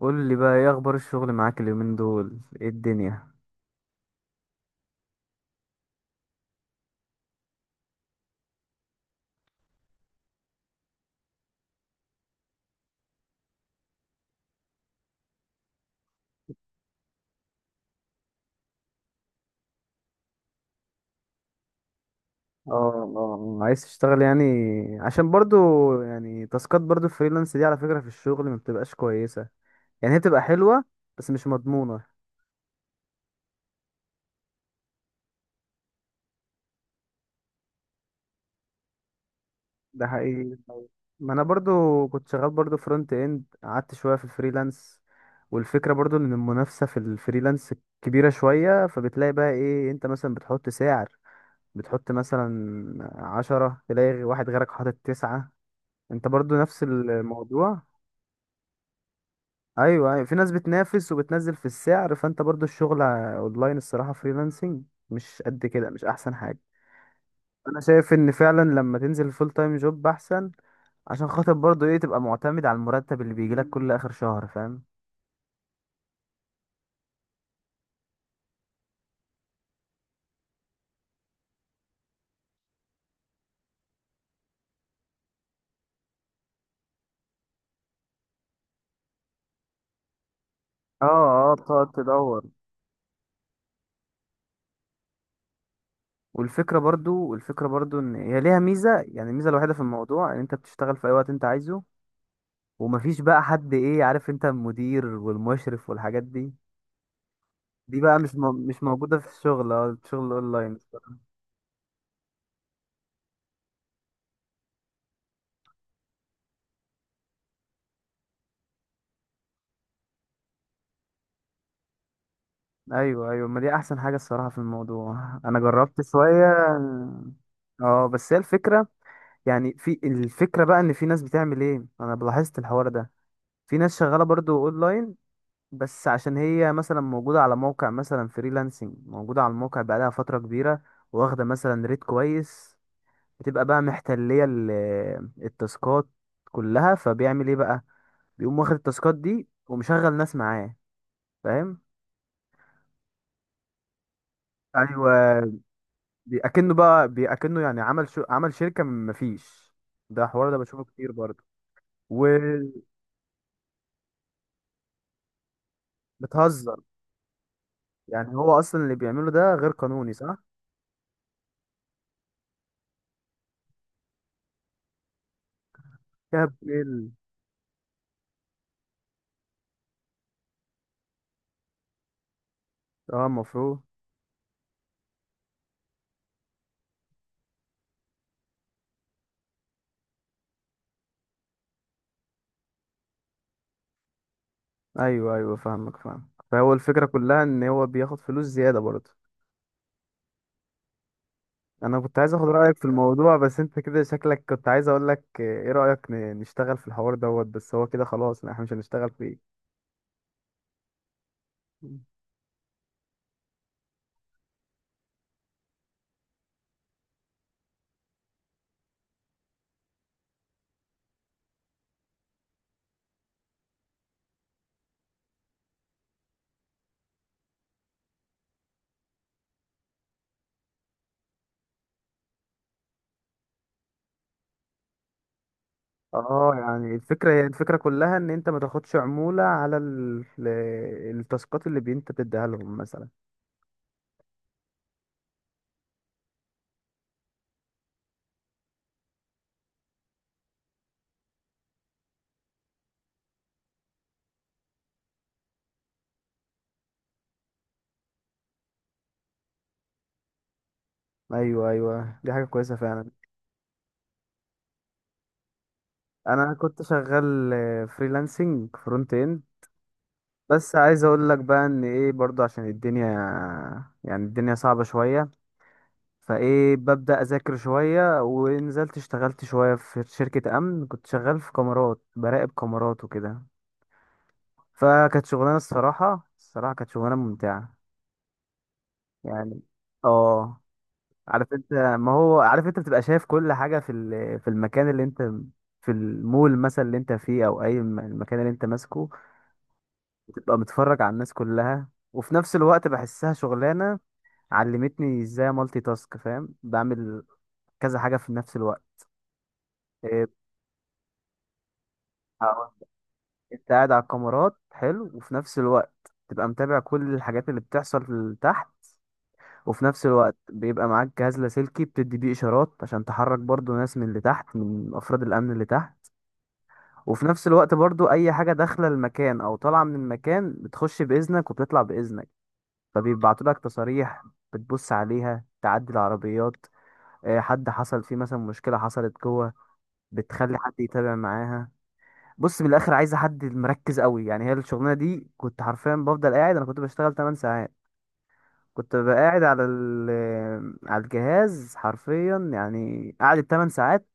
قول لي بقى ايه اخبار الشغل معاك اليومين دول ايه الدنيا؟ عايز تشتغل يعني، عشان برضو يعني تاسكات برضو الفريلانس دي على فكرة في الشغل ما بتبقاش كويسة. يعني هي بتبقى حلوة بس مش مضمونة. ده حقيقي، ما انا برضو كنت شغال برضو فرونت اند، قعدت شوية في الفريلانس، والفكرة برضو ان المنافسة في الفريلانس كبيرة شوية. فبتلاقي بقى ايه، انت مثلا بتحط سعر، بتحط مثلا عشرة، تلاقي واحد غيرك حاطط تسعة، انت برضو نفس الموضوع. ايوه ايوه، في ناس بتنافس وبتنزل في السعر، فانت برضو الشغل اونلاين الصراحه فريلانسنج مش قد كده، مش احسن حاجه. انا شايف ان فعلا لما تنزل فول تايم جوب احسن، عشان خاطر برضو ايه تبقى معتمد على المرتب اللي بيجيلك كل اخر شهر، فاهم؟ اه اه، بتقعد تدور. والفكره برضو ان هي ليها ميزه. يعني الميزه الوحيده في الموضوع ان انت بتشتغل في اي وقت انت عايزه، ومفيش بقى حد، ايه، عارف انت المدير والمشرف والحاجات دي. دي بقى مش موجودة في الشغل، اه الشغل اونلاين. ايوه ايوه، ما دي احسن حاجة الصراحة في الموضوع، انا جربت شوية. اه بس هي الفكرة، يعني في الفكرة بقى ان في ناس بتعمل ايه، انا لاحظت الحوار ده. في ناس شغالة برضو اونلاين بس عشان هي مثلا موجودة على موقع مثلا فريلانسنج، موجودة على الموقع بقالها فترة كبيرة، واخدة مثلا ريت كويس، بتبقى بقى محتلية التاسكات كلها. فبيعمل ايه بقى، بيقوم واخد التاسكات دي ومشغل ناس معاه، فاهم؟ ايوه اكنه يعني عمل عمل شركه من مفيش. ده حوار ده بشوفه كتير برضه. وبتهزر، يعني هو اصلا اللي بيعمله ده غير قانوني، صح؟ كده بيل. اه المفروض. ايوه ايوه فاهمك، فاهم، فهو الفكره كلها ان هو بياخد فلوس زياده برضه. انا كنت عايز اخد رايك في الموضوع، بس انت كده شكلك، كنت عايز اقول لك ايه رايك نشتغل في الحوار دوت، بس هو كده خلاص احنا مش هنشتغل فيه. اه يعني الفكرة، هي الفكرة كلها ان انت ما تاخدش عمولة على التاسكات اللي انت بتديها لهم مثلا. ايوه ايوه، دي حاجة كويسة فعلا. انا كنت شغال فريلانسنج فرونت اند، بس عايز اقول لك بقى ان ايه برضه، عشان الدنيا يعني الدنيا صعبة شوية. فايه، ببدأ اذاكر شوية، ونزلت اشتغلت شوية في شركة امن، كنت شغال في كاميرات، براقب كاميرات وكده. فكانت شغلانة، الصراحة الصراحة كانت شغلانة ممتعة يعني. اه، عارف انت، ما هو عارف انت بتبقى شايف كل حاجة في في المكان اللي انت، في المول مثلا اللي انت فيه، او اي المكان اللي انت ماسكه. بتبقى متفرج على الناس كلها، وفي نفس الوقت بحسها شغلانة علمتني ازاي مالتي تاسك، فاهم؟ بعمل كذا حاجة في نفس الوقت. إيه، هقول لك. انت قاعد على الكاميرات، حلو، وفي نفس الوقت تبقى متابع كل الحاجات اللي بتحصل تحت. وفي نفس الوقت بيبقى معاك جهاز لاسلكي بتدي بيه اشارات عشان تحرك برضو ناس من اللي تحت، من افراد الامن اللي تحت. وفي نفس الوقت برضو اي حاجة داخلة المكان او طالعة من المكان بتخش باذنك وبتطلع باذنك. فبيبعتوا لك تصاريح، بتبص عليها، تعدي العربيات. حد حصل فيه مثلا مشكلة حصلت جوه، بتخلي حد يتابع معاها. بص، من الاخر عايزة حد مركز قوي. يعني هي الشغلانة دي كنت حرفيا بفضل قاعد، انا كنت بشتغل 8 ساعات، كنت ببقى قاعد على ال آه، على الجهاز حرفيا، يعني قاعد 8 ساعات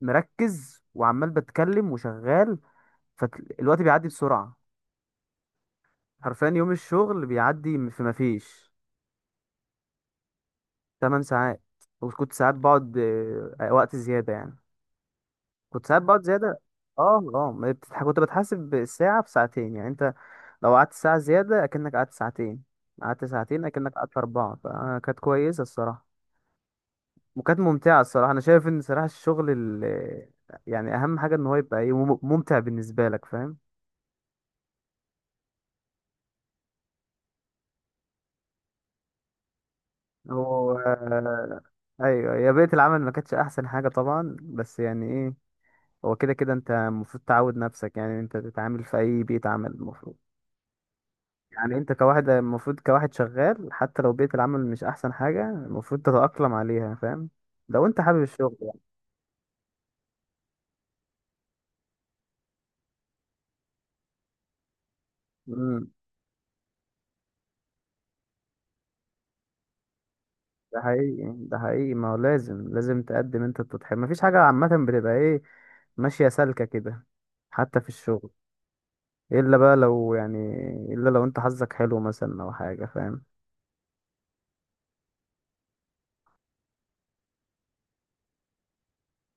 مركز وعمال بتكلم وشغال. فالوقت بيعدي بسرعة، حرفيا يوم الشغل بيعدي في مفيش. 8 ساعات، وكنت ساعات بقعد وقت زيادة يعني، كنت ساعات بقعد زيادة. اه اه ما بتتح- كنت بتحاسب بالساعة بساعتين، يعني انت لو قعدت ساعة زيادة اكنك قعدت ساعتين، قعدت ساعتين اكنك قعدت أربعة، فكانت كويسة الصراحة. وكانت ممتعة الصراحة. أنا شايف إن صراحة الشغل يعني أهم حاجة إن هو يبقى ممتع بالنسبة لك، فاهم؟ هو أيوة يا بيئة العمل، ما كانتش أحسن حاجة طبعا، بس يعني هو كده كده انت المفروض تعود نفسك، يعني انت تتعامل في اي بيئة عمل المفروض. يعني انت كواحد، المفروض كواحد شغال، حتى لو بيئة العمل مش احسن حاجة المفروض تتأقلم عليها، فاهم؟ لو انت حابب الشغل يعني. امم، ده حقيقي يعني، ده حقيقي، ما هو لازم، لازم تقدم انت التضحية، مفيش حاجة عامة بتبقى ايه ماشية سالكة كده، حتى في الشغل. الا بقى لو يعني، الا لو انت حظك حلو مثلا او حاجة، فاهم؟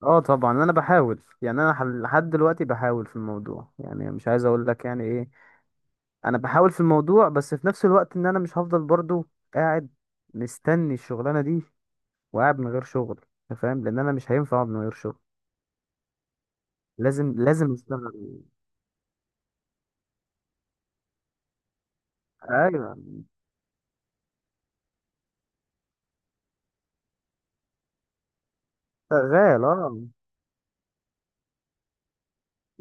اه طبعا انا بحاول يعني، لحد دلوقتي بحاول في الموضوع، يعني مش عايز اقول لك يعني ايه. انا بحاول في الموضوع، بس في نفس الوقت ان انا مش هفضل برضو قاعد مستني الشغلانه دي، وقاعد من غير شغل. أنت فاهم، لان انا مش هينفع اقعد من غير شغل، لازم لازم اشتغل. ايوه شغال اه.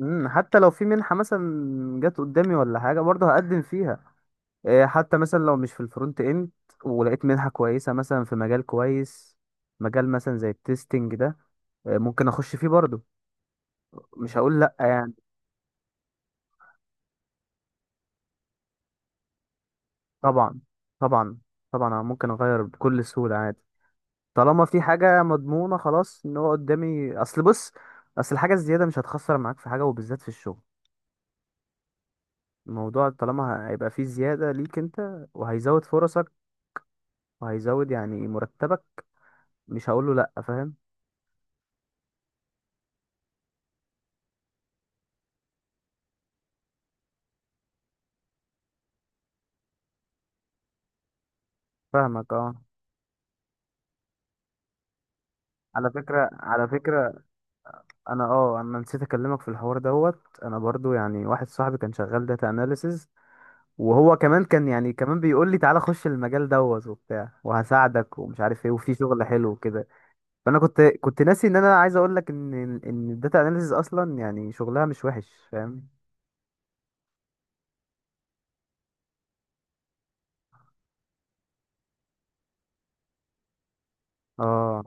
امم، حتى لو في منحه مثلا جت قدامي ولا حاجه برضه هقدم فيها. حتى مثلا لو مش في الفرونت اند، ولقيت منحه كويسه مثلا في مجال كويس، مجال مثلا زي التستنج ده، ممكن اخش فيه برضه، مش هقول لا يعني. طبعا طبعا طبعا، أنا ممكن اغير بكل سهوله عادي. طالما في حاجة مضمونة خلاص ان هو قدامي، اصل بص، اصل الحاجة الزيادة مش هتخسر معاك في حاجة، وبالذات في الشغل. الموضوع طالما هيبقى فيه زيادة ليك انت، وهيزود فرصك، وهيزود يعني مرتبك، مش هقوله لأ، فاهم؟ فاهمك اه. على فكرة على فكرة، انا اه انا نسيت اكلمك في الحوار دوت، انا برضو يعني واحد صاحبي كان شغال داتا اناليسز، وهو كمان كان يعني كمان بيقول لي تعالى خش المجال دوت وبتاع، وهساعدك ومش عارف ايه، وفي شغل حلو وكده. فانا كنت ناسي ان انا عايز اقول لك ان، ان الداتا اناليسيز اصلا يعني شغلها مش وحش، فاهم؟ اه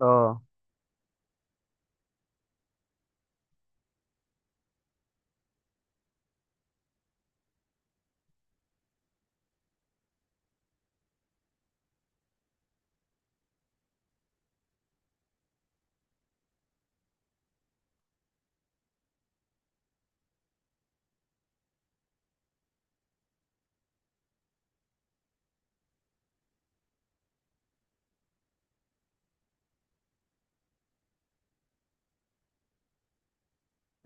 اه.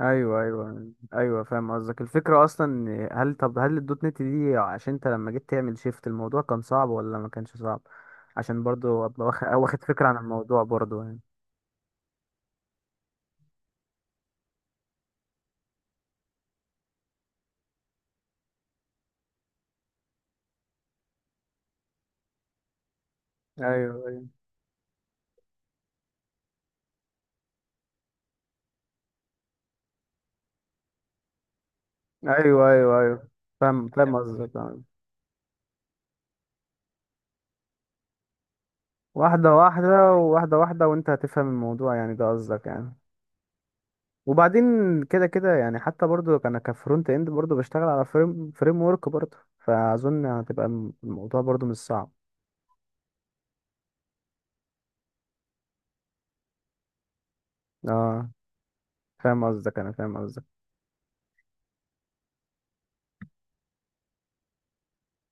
ايوه ايوه ايوه، فاهم قصدك. الفكره اصلا هل، طب هل الدوت نت دي عشان انت لما جيت تعمل شيفت، الموضوع كان صعب ولا ما كانش صعب؟ عشان برضو ابقى واخد، واخد فكره عن الموضوع برضو يعني. ايوه ايوه ايوه ايوه ايوه، فاهم فاهم قصدك آه. واحده واحده وواحده واحده، وانت هتفهم الموضوع، يعني ده قصدك يعني. وبعدين كده كده، يعني حتى برضو انا كفرونت اند برضو بشتغل على فريم ورك برضو، فاظن هتبقى الموضوع برضو مش صعب. اه، فاهم قصدك، انا فاهم قصدك.